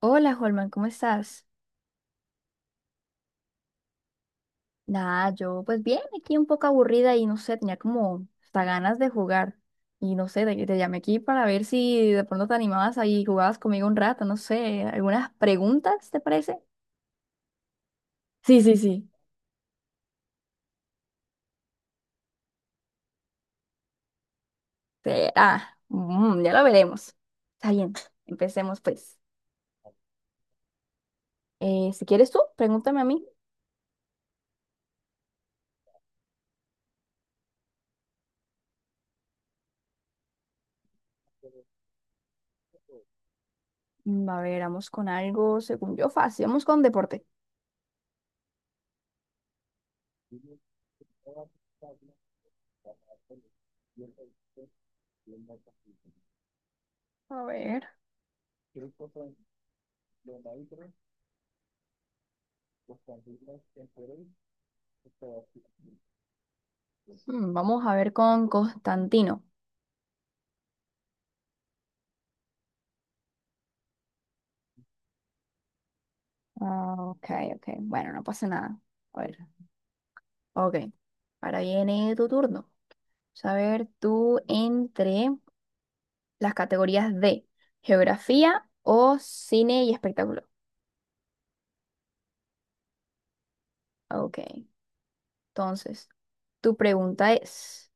Hola, Holman, ¿cómo estás? Nada, yo pues bien, aquí un poco aburrida y no sé, tenía como hasta ganas de jugar. Y no sé, te llamé aquí para ver si de pronto te animabas ahí y jugabas conmigo un rato, no sé, algunas preguntas, ¿te parece? Sí, sí, sí. Será. Ya lo veremos. Está bien, empecemos pues. Si quieres tú, pregúntame a mí. A ver, vamos con algo, según yo, fácil. Vamos con deporte. A ver. Vamos a ver con Constantino. Ah, ok, ok. Bueno, no pasa nada. A ver, ok. Ahora viene tu turno. A ver, tú entre las categorías de geografía o cine y espectáculo. Ok. Entonces, tu pregunta es,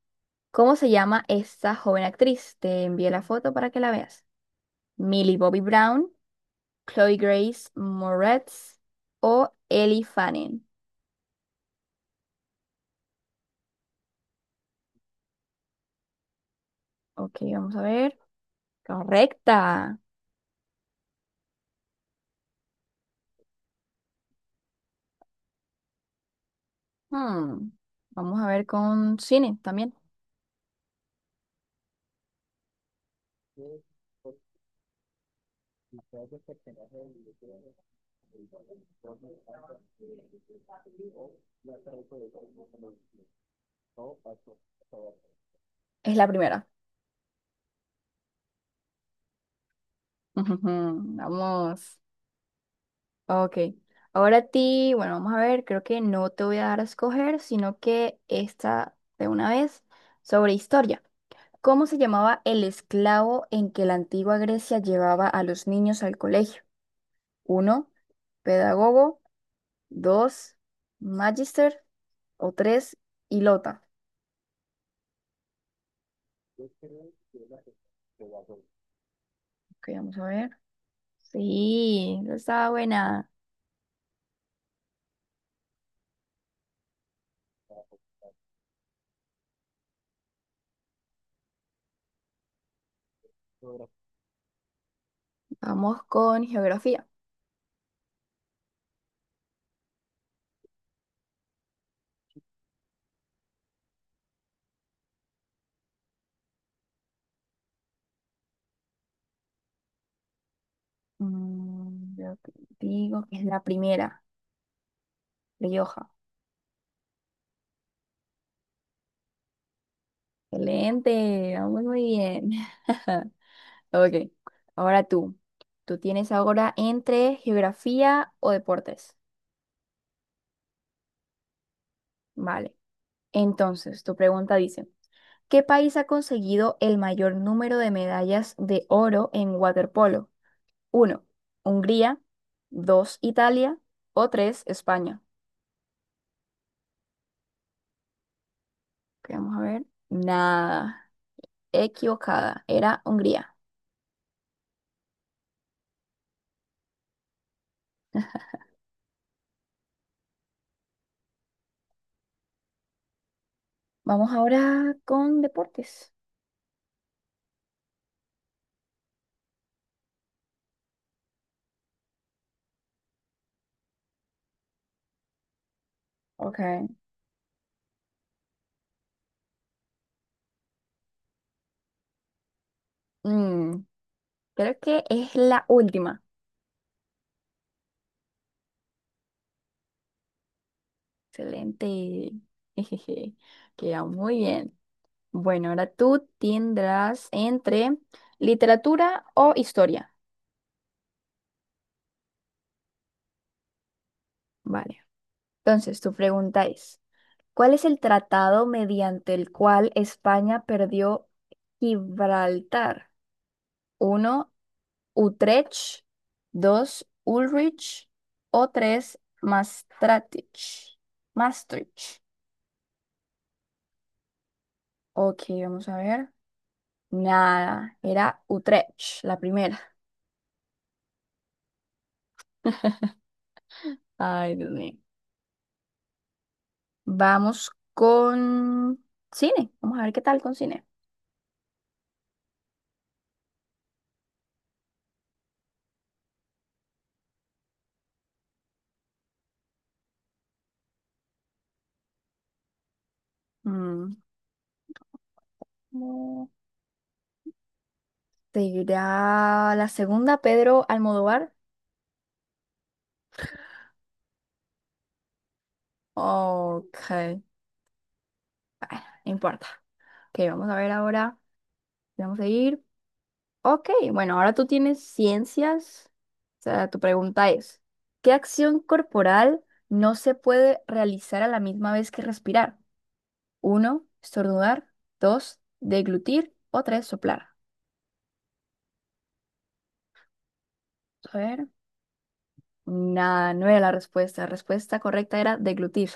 ¿cómo se llama esta joven actriz? Te envié la foto para que la veas. Millie Bobby Brown, Chloe Grace Moretz o Ellie Fanning. Ok, vamos a ver. Correcta. Hmm, Vamos a ver con cine también. Es la primera. Ujujú, vamos. Ok. Ahora a ti, bueno, vamos a ver, creo que no te voy a dar a escoger, sino que esta de una vez sobre historia. ¿Cómo se llamaba el esclavo en que la antigua Grecia llevaba a los niños al colegio? Uno, pedagogo, dos, magister o tres, hilota. Ok, vamos a ver. Sí, esa está buena. Vamos con geografía. Yo te digo que es la primera, Rioja. Excelente, vamos muy bien. Ok, ahora tú. Tú tienes ahora entre geografía o deportes. Vale. Entonces, tu pregunta dice, ¿qué país ha conseguido el mayor número de medallas de oro en waterpolo? Uno, Hungría. Dos, Italia. O 3, España. Ok, vamos a ver. Nada. Equivocada. Era Hungría. Vamos ahora con deportes. Ok. Mm, Creo que es la última. Excelente. Jejeje. Queda muy bien. Bueno, ahora tú tendrás entre literatura o historia. Vale. Entonces, tu pregunta es, ¿cuál es el tratado mediante el cual España perdió Gibraltar? Uno, Utrecht, 2 Ulrich o 3 Maastricht. Maastricht. Ok, vamos a ver. Nada, era Utrecht, la primera. Ay, Dios mío. Vamos con cine. Vamos a ver qué tal con cine. Mm, ¿cómo ¿Te irá la segunda, Pedro Almodóvar? Ok, bueno, no importa. Ok, vamos a ver ahora. Vamos a ir. Ok, bueno, ahora tú tienes ciencias. O sea, tu pregunta es, ¿qué acción corporal no se puede realizar a la misma vez que respirar? Uno, estornudar. Dos, deglutir. O tres, soplar. A ver. Nada, no era la respuesta. La respuesta correcta era deglutir.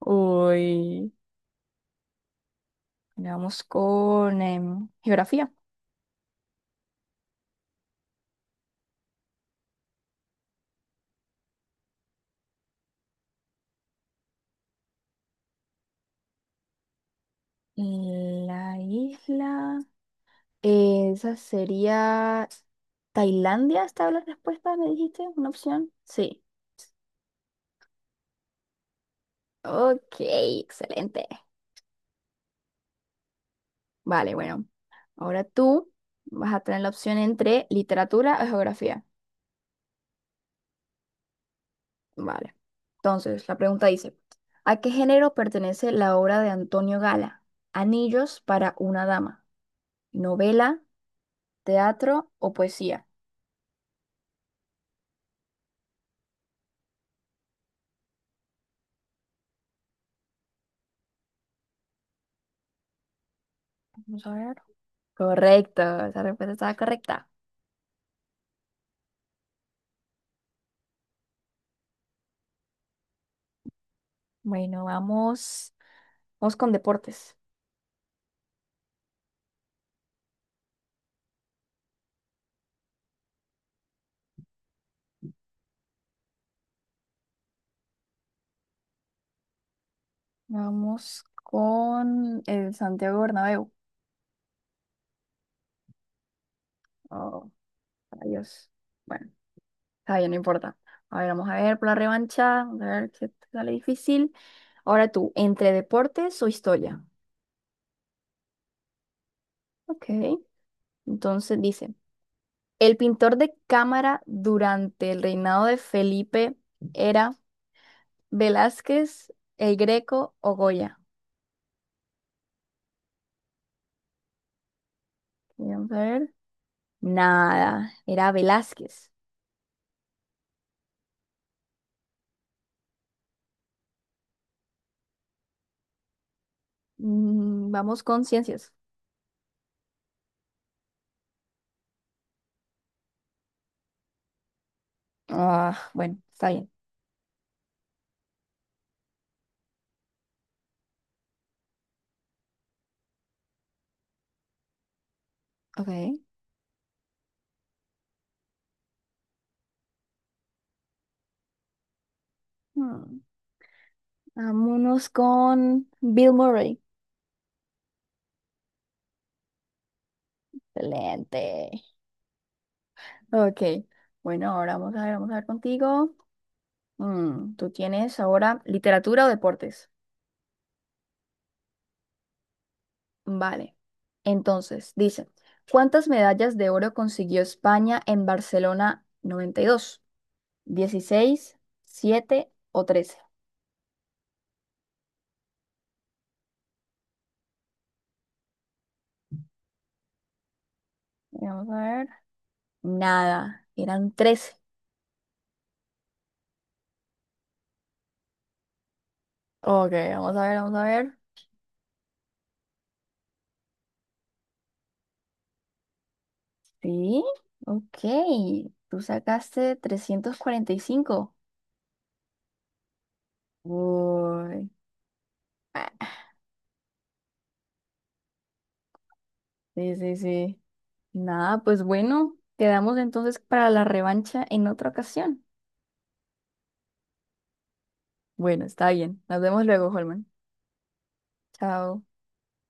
Uy, bueno, vamos con geografía. La isla. Esa sería Tailandia, ¿estaba la respuesta? ¿Me dijiste? ¿Una opción? Sí. Ok, excelente. Vale, bueno. Ahora tú vas a tener la opción entre literatura o geografía. Vale. Entonces, la pregunta dice, ¿a qué género pertenece la obra de Antonio Gala? Anillos para una dama, novela, teatro o poesía. Vamos a ver. Correcto, esa respuesta estaba correcta. Bueno, vamos, vamos con deportes. Vamos con el Santiago Bernabéu. Oh, rayos. Bueno, está bien, no importa. A ver, vamos a ver por la revancha. Vamos a ver qué te sale difícil. Ahora tú, ¿entre deportes o historia? Ok. Entonces dice, el pintor de cámara durante el reinado de Felipe era Velázquez, el Greco o Goya. Vamos a ver. Nada, era Velázquez. Vamos con ciencias. Ah, bueno, está bien. Ok. Hmm, Vámonos con Bill Murray. Excelente. Ok. Bueno, ahora vamos a ver contigo. Tú tienes ahora literatura o deportes. Vale. Entonces, dice, ¿cuántas medallas de oro consiguió España en Barcelona 92? ¿16, 7 o 13? Vamos a ver. Nada, eran 13. Ok, vamos a ver, vamos a ver. Sí, ok. Tú sacaste 345. Uy. Ah, sí, sí, sí. Nada, pues bueno, quedamos entonces para la revancha en otra ocasión. Bueno, está bien. Nos vemos luego, Holman. Chao.